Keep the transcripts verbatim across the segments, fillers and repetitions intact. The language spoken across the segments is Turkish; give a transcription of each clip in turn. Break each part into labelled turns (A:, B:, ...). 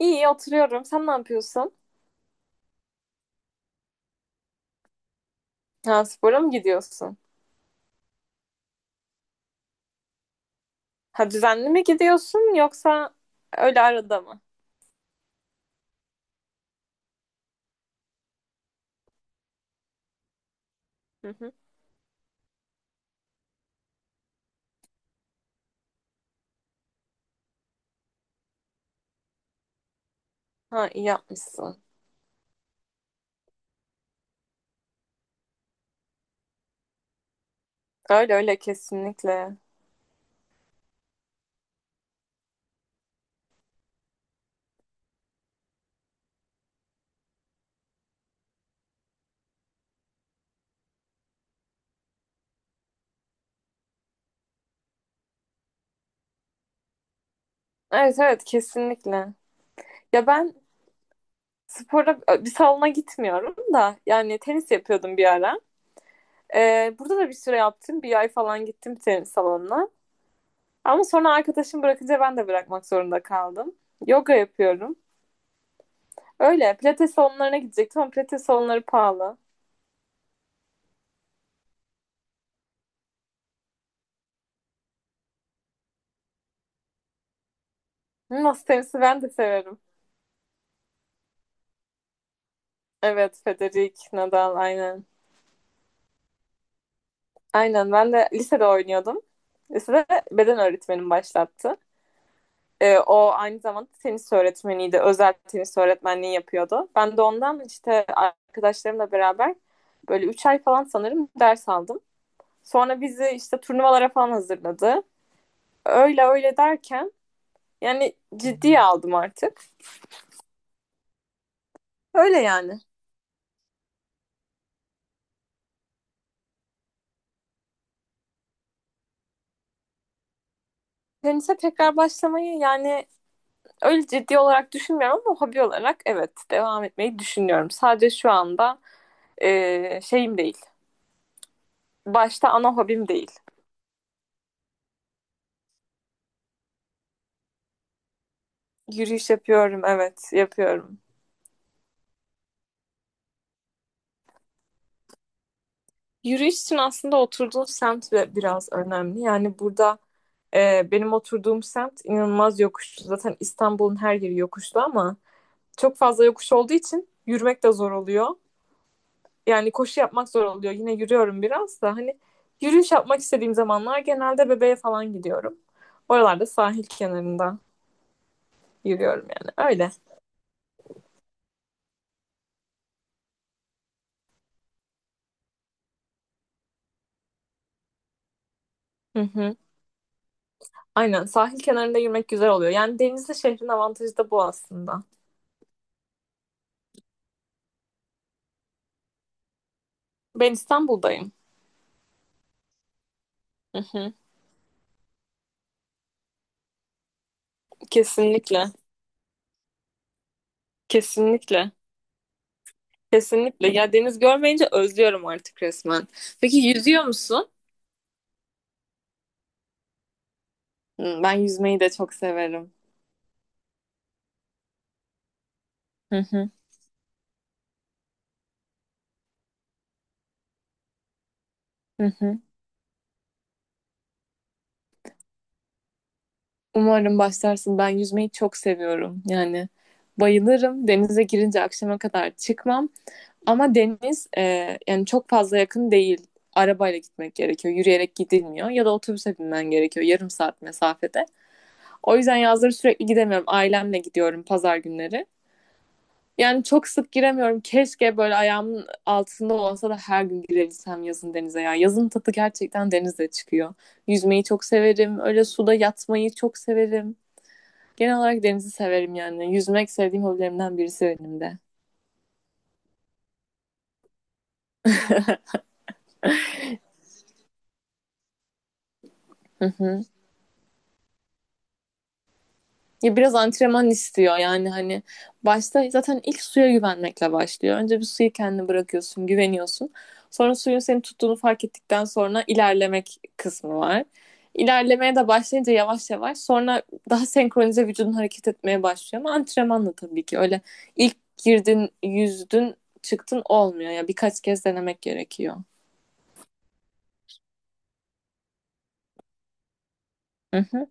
A: İyi oturuyorum. Sen ne yapıyorsun? Ha, spora mı gidiyorsun? Ha, düzenli mi gidiyorsun yoksa öyle arada mı? Hı hı. Ha, iyi yapmışsın. Öyle öyle kesinlikle. Evet evet kesinlikle. Ya ben spora e, bir salona gitmiyorum da yani tenis yapıyordum bir ara. Ee, burada da bir süre yaptım. Bir ay falan gittim tenis salonuna. Ama sonra arkadaşım bırakınca ben de bırakmak zorunda kaldım. Yoga yapıyorum. Öyle pilates salonlarına gidecektim ama pilates salonları pahalı. Masa tenisi ben de severim. Evet, Federik Nadal aynen. Aynen ben de lisede oynuyordum. Lisede beden öğretmenim başlattı. Ee, o aynı zamanda tenis öğretmeniydi. Özel tenis öğretmenliği yapıyordu. Ben de ondan işte arkadaşlarımla beraber böyle üç ay falan sanırım ders aldım. Sonra bizi işte turnuvalara falan hazırladı. Öyle öyle derken yani ciddiye aldım artık. Öyle yani. Tenise tekrar başlamayı yani öyle ciddi olarak düşünmüyorum ama hobi olarak evet devam etmeyi düşünüyorum. Sadece şu anda eee, şeyim değil. Başta ana hobim değil. Yürüyüş yapıyorum, evet, yapıyorum. Yürüyüş için aslında oturduğun semt de biraz önemli. Yani burada eee, benim oturduğum semt inanılmaz yokuşlu. Zaten İstanbul'un her yeri yokuşlu ama çok fazla yokuş olduğu için yürümek de zor oluyor. Yani koşu yapmak zor oluyor. Yine yürüyorum biraz da hani yürüyüş yapmak istediğim zamanlar genelde bebeğe falan gidiyorum. Oralarda sahil kenarında yürüyorum yani. Öyle. Hı hı. Aynen, sahil kenarında yürümek güzel oluyor. Yani denizli şehrin avantajı da bu aslında. Ben İstanbul'dayım. Hı hı. Kesinlikle. Kesinlikle. Kesinlikle. Ya, deniz görmeyince özlüyorum artık resmen. Peki yüzüyor musun? Hı, ben yüzmeyi de çok severim. Hı hı. Hı hı. Umarım başlarsın. Ben yüzmeyi çok seviyorum. Yani bayılırım. Denize girince akşama kadar çıkmam. Ama deniz e, yani çok fazla yakın değil. Arabayla gitmek gerekiyor. Yürüyerek gidilmiyor. Ya da otobüse binmen gerekiyor, yarım saat mesafede. O yüzden yazları sürekli gidemiyorum. Ailemle gidiyorum pazar günleri. Yani çok sık giremiyorum. Keşke böyle ayağımın altında olsa da her gün girebilsem yazın denize ya. Yazın tadı gerçekten denizde çıkıyor. Yüzmeyi çok severim. Öyle suda yatmayı çok severim. Genel olarak denizi severim yani. Yüzmek sevdiğim hobilerimden birisi benim de. Hı hı. Ya biraz antrenman istiyor yani, hani başta zaten ilk suya güvenmekle başlıyor. Önce bir suyu kendine bırakıyorsun, güveniyorsun. Sonra suyun seni tuttuğunu fark ettikten sonra ilerlemek kısmı var. İlerlemeye de başlayınca yavaş yavaş sonra daha senkronize vücudun hareket etmeye başlıyor, ama antrenmanla tabii ki, öyle ilk girdin yüzdün çıktın olmuyor ya, yani birkaç kez denemek gerekiyor. Hı hı.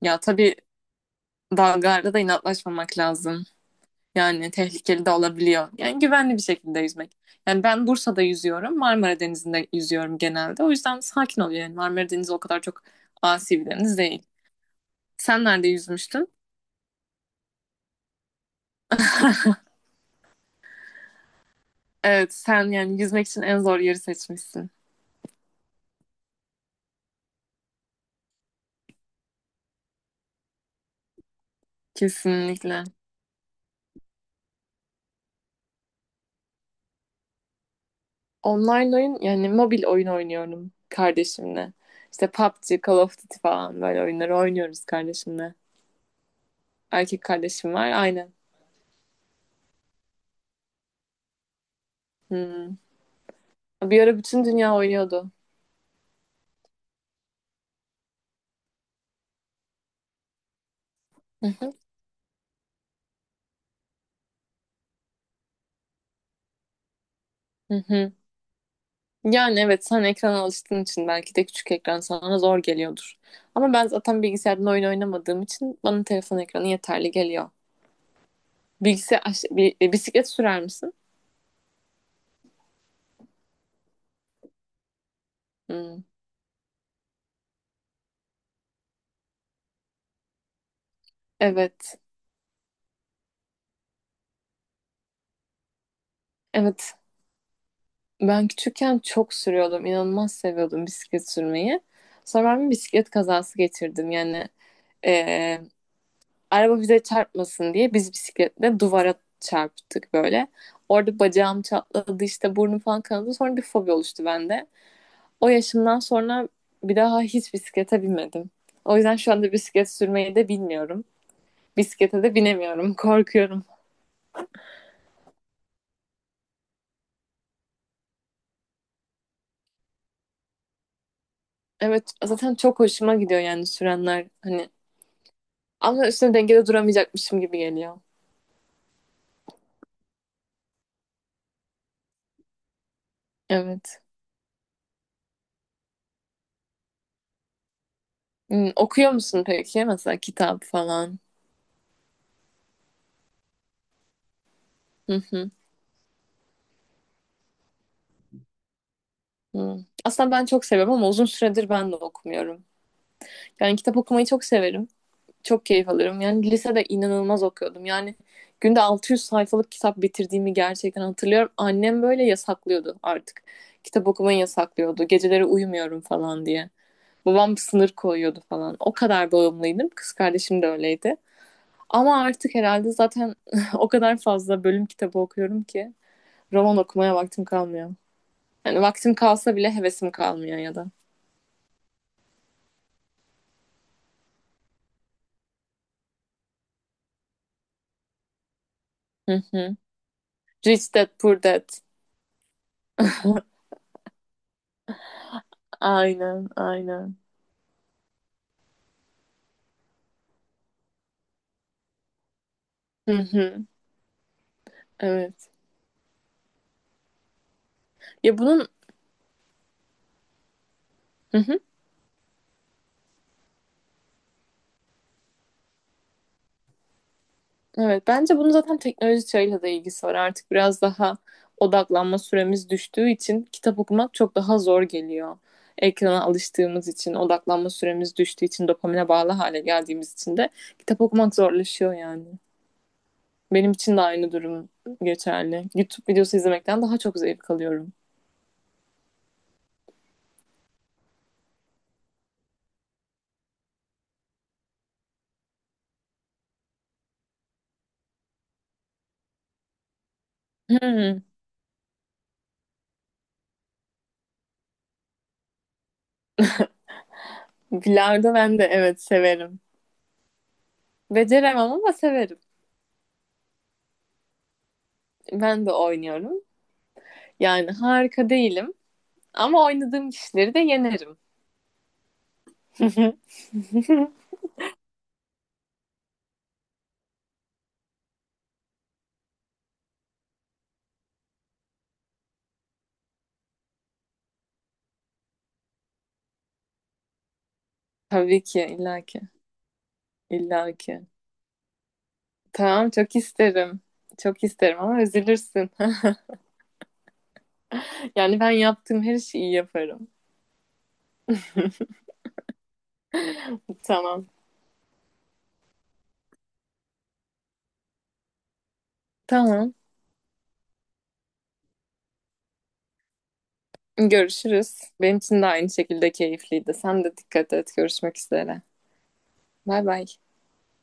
A: Ya tabii, dalgalarda da inatlaşmamak lazım. Yani tehlikeli de olabiliyor. Yani güvenli bir şekilde yüzmek. Yani ben Bursa'da yüzüyorum, Marmara Denizi'nde yüzüyorum genelde. O yüzden sakin oluyor yani. Marmara Denizi o kadar çok asi bir deniz değil. Sen nerede yüzmüştün? Evet, sen yani yüzmek için en zor yeri seçmişsin. Kesinlikle. Online oyun, yani mobil oyun oynuyorum kardeşimle. İşte PUBG, Call of Duty falan böyle oyunları oynuyoruz kardeşimle. Erkek kardeşim var, aynen. Hmm. Bir ara bütün dünya oynuyordu. Hı hı, hı hı. Yani evet, sen ekrana alıştığın için belki de küçük ekran sana zor geliyordur. Ama ben zaten bilgisayardan oyun oynamadığım için bana telefon ekranı yeterli geliyor. Bilgisayar aş- bi- e, Bisiklet sürer misin? Hmm. Evet. Evet. Ben küçükken çok sürüyordum. İnanılmaz seviyordum bisiklet sürmeyi. Sonra ben bir bisiklet kazası geçirdim. Yani e, araba bize çarpmasın diye biz bisikletle duvara çarptık böyle. Orada bacağım çatladı, işte burnum falan kanadı. Sonra bir fobi oluştu bende. O yaşımdan sonra bir daha hiç bisiklete binmedim. O yüzden şu anda bisiklet sürmeyi de bilmiyorum. Bisiklete de binemiyorum. Korkuyorum. Evet, zaten çok hoşuma gidiyor yani sürenler. Hani ama üstüne dengede duramayacakmışım gibi geliyor. Evet. Hmm, okuyor musun peki? Mesela kitap falan. Hı hı. Hı. Aslında ben çok seviyorum ama uzun süredir ben de okumuyorum. Yani kitap okumayı çok severim. Çok keyif alırım. Yani lisede inanılmaz okuyordum. Yani günde altı yüz sayfalık kitap bitirdiğimi gerçekten hatırlıyorum. Annem böyle yasaklıyordu artık. Kitap okumayı yasaklıyordu. Geceleri uyumuyorum falan diye. Babam sınır koyuyordu falan. O kadar bağımlıydım. Kız kardeşim de öyleydi. Ama artık herhalde zaten o kadar fazla bölüm kitabı okuyorum ki roman okumaya vaktim kalmıyor. Yani vaktim kalsa bile hevesim kalmıyor ya da. Hı hı. Rich Dad Poor Dad. Aynen, aynen. Hı hı. Evet. Ya bunun hı hı, evet, bence bunun zaten teknoloji çağıyla da ilgisi var. Artık biraz daha odaklanma süremiz düştüğü için kitap okumak çok daha zor geliyor. Ekrana alıştığımız için, odaklanma süremiz düştüğü için, dopamine bağlı hale geldiğimiz için de kitap okumak zorlaşıyor yani. Benim için de aynı durum geçerli. YouTube videosu izlemekten daha çok zevk alıyorum. Hmm, bilardo ben de evet severim. Beceremem ama severim. Ben de oynuyorum. Yani harika değilim ama oynadığım kişileri de yenerim. Hı, tabii ki, illa ki, illa ki tamam, çok isterim. Çok isterim ama üzülürsün. Yani ben yaptığım her şeyi iyi yaparım. Tamam. Tamam. Görüşürüz. Benim için de aynı şekilde keyifliydi. Sen de dikkat et. Görüşmek üzere. Bay bay.